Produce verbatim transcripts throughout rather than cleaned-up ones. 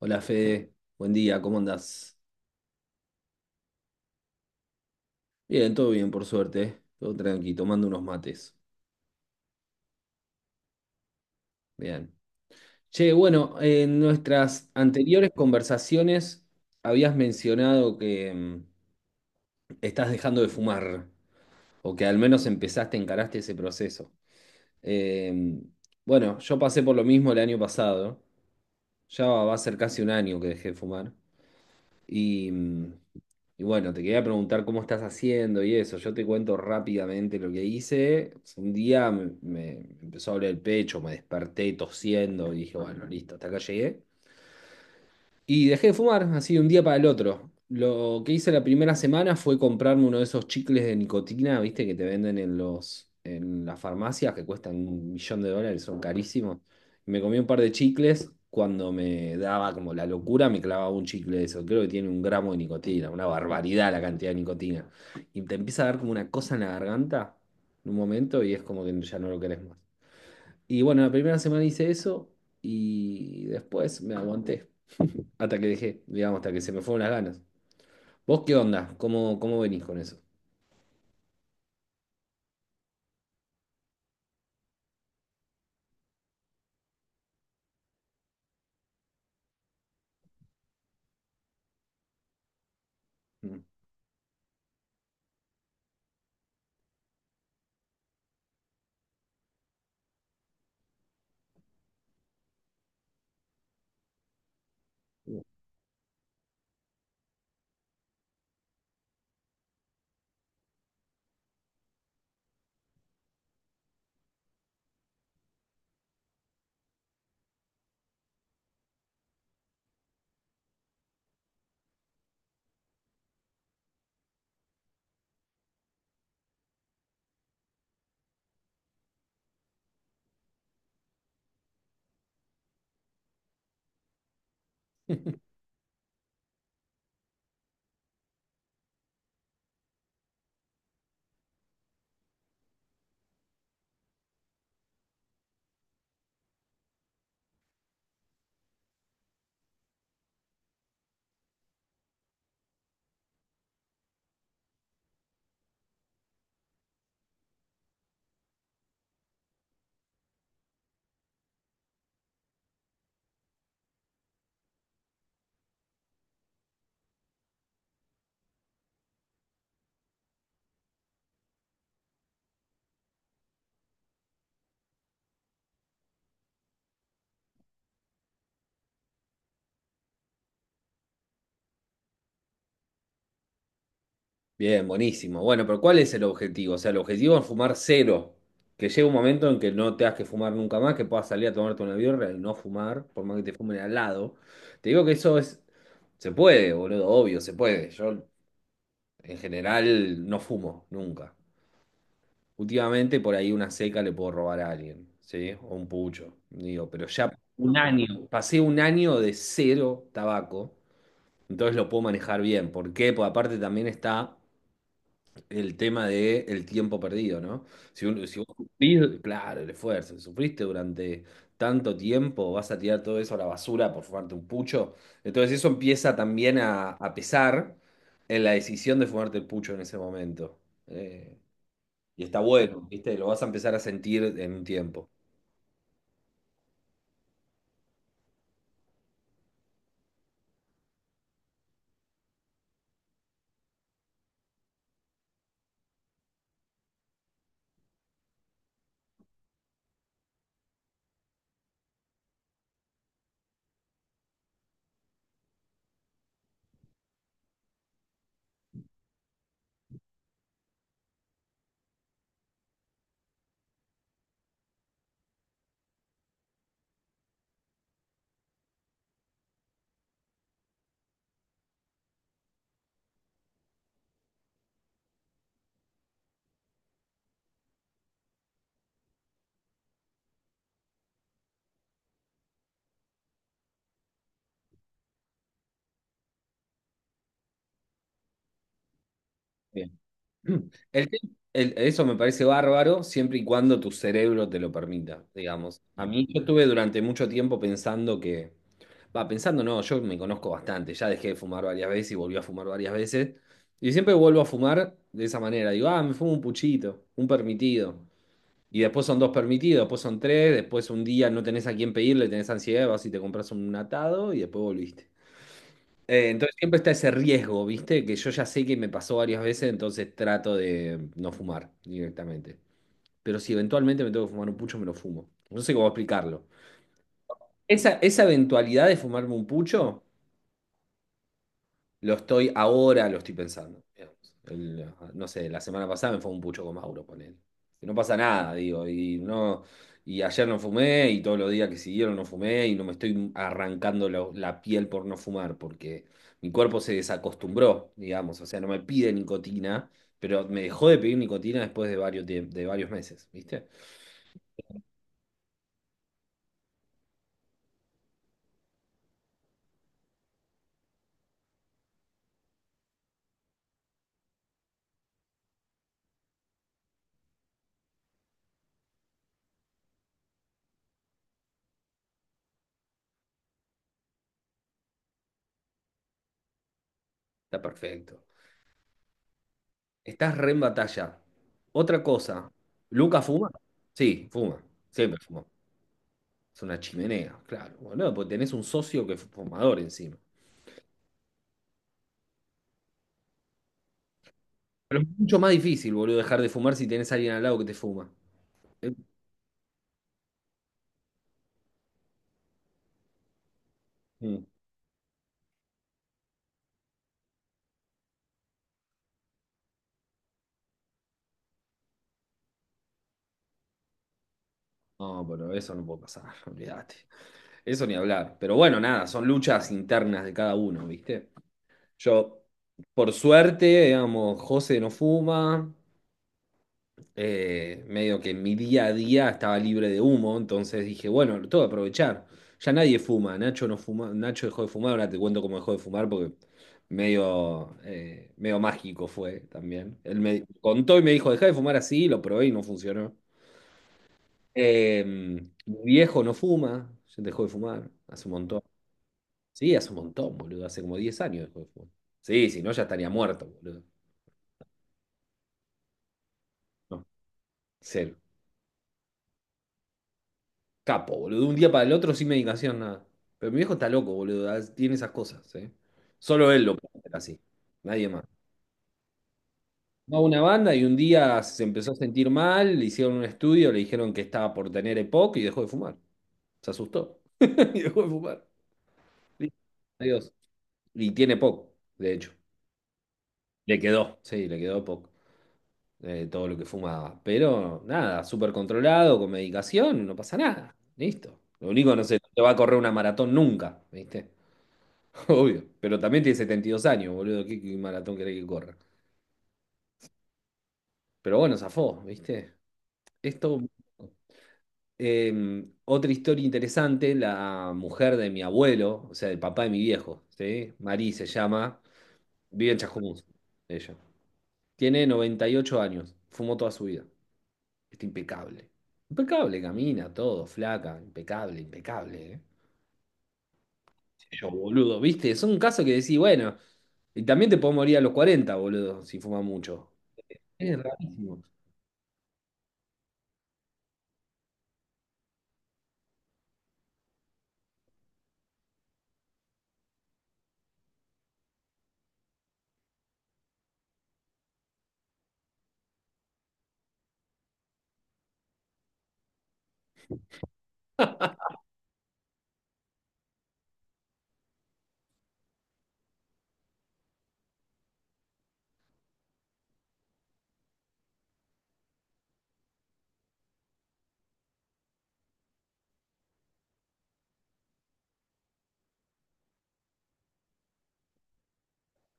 Hola Fede, buen día, ¿cómo andás? Bien, todo bien, por suerte, ¿eh? Todo tranqui, tomando unos mates. Bien. Che, bueno, en nuestras anteriores conversaciones habías mencionado que mm, estás dejando de fumar, o que al menos empezaste, encaraste ese proceso. Eh, bueno, yo pasé por lo mismo el año pasado, ya va a ser casi un año que dejé de fumar. Y, mm, y bueno, te quería preguntar cómo estás haciendo y eso. Yo te cuento rápidamente lo que hice. Un día me, me empezó a doler el pecho, me desperté tosiendo y dije, bueno, listo, hasta acá llegué. Y dejé de fumar, así de un día para el otro. Lo que hice la primera semana fue comprarme uno de esos chicles de nicotina, viste, que te venden en los, en las farmacias, que cuestan un millón de dólares, son carísimos. Me comí un par de chicles, cuando me daba como la locura, me clavaba un chicle de eso. Creo que tiene un gramo de nicotina, una barbaridad la cantidad de nicotina. Y te empieza a dar como una cosa en la garganta en un momento y es como que ya no lo querés más. Y bueno, la primera semana hice eso y después me aguanté. Hasta que dejé, digamos, hasta que se me fueron las ganas. ¿Vos qué onda? ¿Cómo, cómo venís con eso? Mm. Bien, buenísimo. Bueno, pero ¿cuál es el objetivo? O sea, el objetivo es fumar cero. Que llegue un momento en que no te has que fumar nunca más, que puedas salir a tomarte una birra y no fumar, por más que te fumen al lado. Te digo que eso es. Se puede, boludo, obvio, se puede. Yo, en general, no fumo, nunca. Últimamente, por ahí una seca le puedo robar a alguien, ¿sí? O un pucho. Digo, pero ya pasé un año de cero tabaco. Entonces lo puedo manejar bien. ¿Por qué? Porque aparte también está el tema de el tiempo perdido, ¿no? Si, uno- si vos sufrís, claro, el esfuerzo, si sufriste durante tanto tiempo, vas a tirar todo eso a la basura por fumarte un pucho. Entonces eso empieza también a, a pesar en la decisión de fumarte el pucho en ese momento. Eh, y está bueno, ¿viste? Lo vas a empezar a sentir en un tiempo. El te- el- eso me parece bárbaro siempre y cuando tu cerebro te lo permita, digamos. A mí yo estuve durante mucho tiempo pensando que, va, pensando no, yo me conozco bastante, ya dejé de fumar varias veces y volví a fumar varias veces, y siempre vuelvo a fumar de esa manera, digo, ah, me fumo un puchito, un permitido, y después son dos permitidos, después son tres, después un día no tenés a quién pedirle, tenés ansiedad, vas y te compras un atado y después volviste. Eh, entonces siempre está ese riesgo, ¿viste? Que yo ya sé que me pasó varias veces, entonces trato de no fumar directamente. Pero si eventualmente me tengo que fumar un pucho, me lo fumo. No sé cómo explicarlo. Esa, esa eventualidad de fumarme un pucho lo estoy ahora, lo estoy pensando, digamos. El, no sé, la semana pasada me fue un pucho con Mauro, él no pasa nada, digo, y no, y ayer no fumé, y todos los días que siguieron no fumé, y no me estoy arrancando la, la piel por no fumar, porque mi cuerpo se desacostumbró, digamos, o sea, no me pide nicotina, pero me dejó de pedir nicotina después de varios, tie- de varios meses, ¿viste? Está perfecto. Estás re en batalla. Otra cosa, ¿Luca fuma? Sí, fuma, siempre fumó. Es una chimenea, claro, boludo, porque tenés un socio que es fumador encima. Pero es mucho más difícil, boludo, dejar de fumar si tenés a alguien al lado que te fuma. Eh, mm, No, pero eso no puede pasar, olvídate. Eso ni hablar. Pero bueno, nada, son luchas internas de cada uno, ¿viste? Yo, por suerte, digamos, José no fuma, eh, medio que mi día a día estaba libre de humo, entonces dije, bueno, lo tengo que aprovechar. Ya nadie fuma, Nacho no fuma, Nacho dejó de fumar, ahora te cuento cómo dejó de fumar porque medio, eh, medio mágico fue también. Él me contó y me dijo, dejá de fumar así, lo probé y no funcionó. Eh, mi viejo no fuma, ya dejó de fumar hace un montón. Sí, hace un montón, boludo, hace como diez años dejó de fumar. Sí, si no ya estaría muerto, boludo. No, cero. Capo, boludo. De un día para el otro sin medicación, nada. Pero mi viejo está loco, boludo. ah, Tiene esas cosas, ¿eh? Solo él lo puede hacer así. Nadie más. Va a una banda y un día se empezó a sentir mal, le hicieron un estudio, le dijeron que estaba por tener EPOC y dejó de fumar. Se asustó y dejó de fumar. Listo. Adiós. Y tiene EPOC, de hecho. Le quedó, sí, le quedó EPOC, eh, todo lo que fumaba. Pero nada, súper controlado, con medicación, no pasa nada. Listo. Lo único, no sé, no te va a correr una maratón nunca, ¿viste? Obvio, pero también tiene setenta y dos años, boludo. ¿Qué, qué maratón querés que corra? Pero bueno, zafó, ¿viste? Esto. Eh, otra historia interesante, la mujer de mi abuelo, o sea, el papá de mi viejo, ¿sí? Marí se llama, vive en Chascomús, ella. Tiene noventa y ocho años, fumó toda su vida. Está impecable. Impecable, camina, todo, flaca, impecable, impecable, ¿eh? Yo, boludo, ¿viste? Son casos que decís, bueno, y también te podés morir a los cuarenta, boludo, si fumas mucho. Es rarísimo.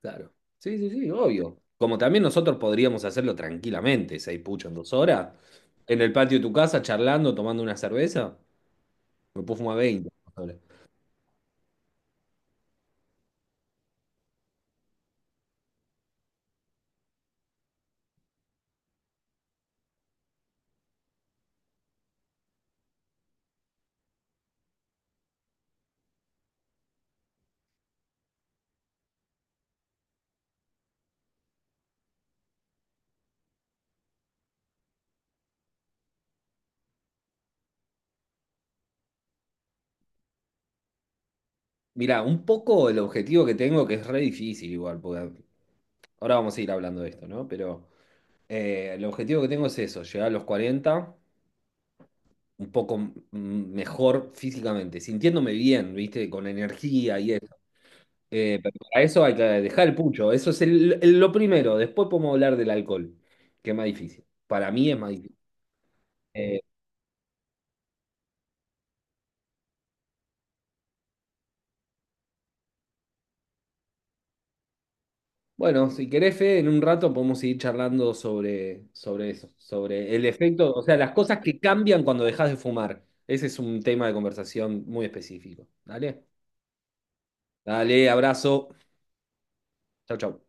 Claro. Sí, sí, sí, obvio. Como también nosotros podríamos hacerlo tranquilamente, seis puchos en dos horas, en el patio de tu casa, charlando, tomando una cerveza, me puedo fumar veinte. Mira, un poco el objetivo que tengo, que es re difícil igual, porque ahora vamos a ir hablando de esto, ¿no? Pero eh, el objetivo que tengo es eso, llegar a los cuarenta, un poco mm, mejor físicamente, sintiéndome bien, ¿viste? Con energía y eso. Eh, pero para eso hay que dejar el pucho. Eso es el- el- lo primero. Después podemos hablar del alcohol, que es más difícil. Para mí es más difícil. Eh, bueno, si querés, Fede, en un rato podemos seguir charlando sobre, sobre eso, sobre el efecto, o sea, las cosas que cambian cuando dejas de fumar. Ese es un tema de conversación muy específico. Dale, dale, abrazo. Chau, chau.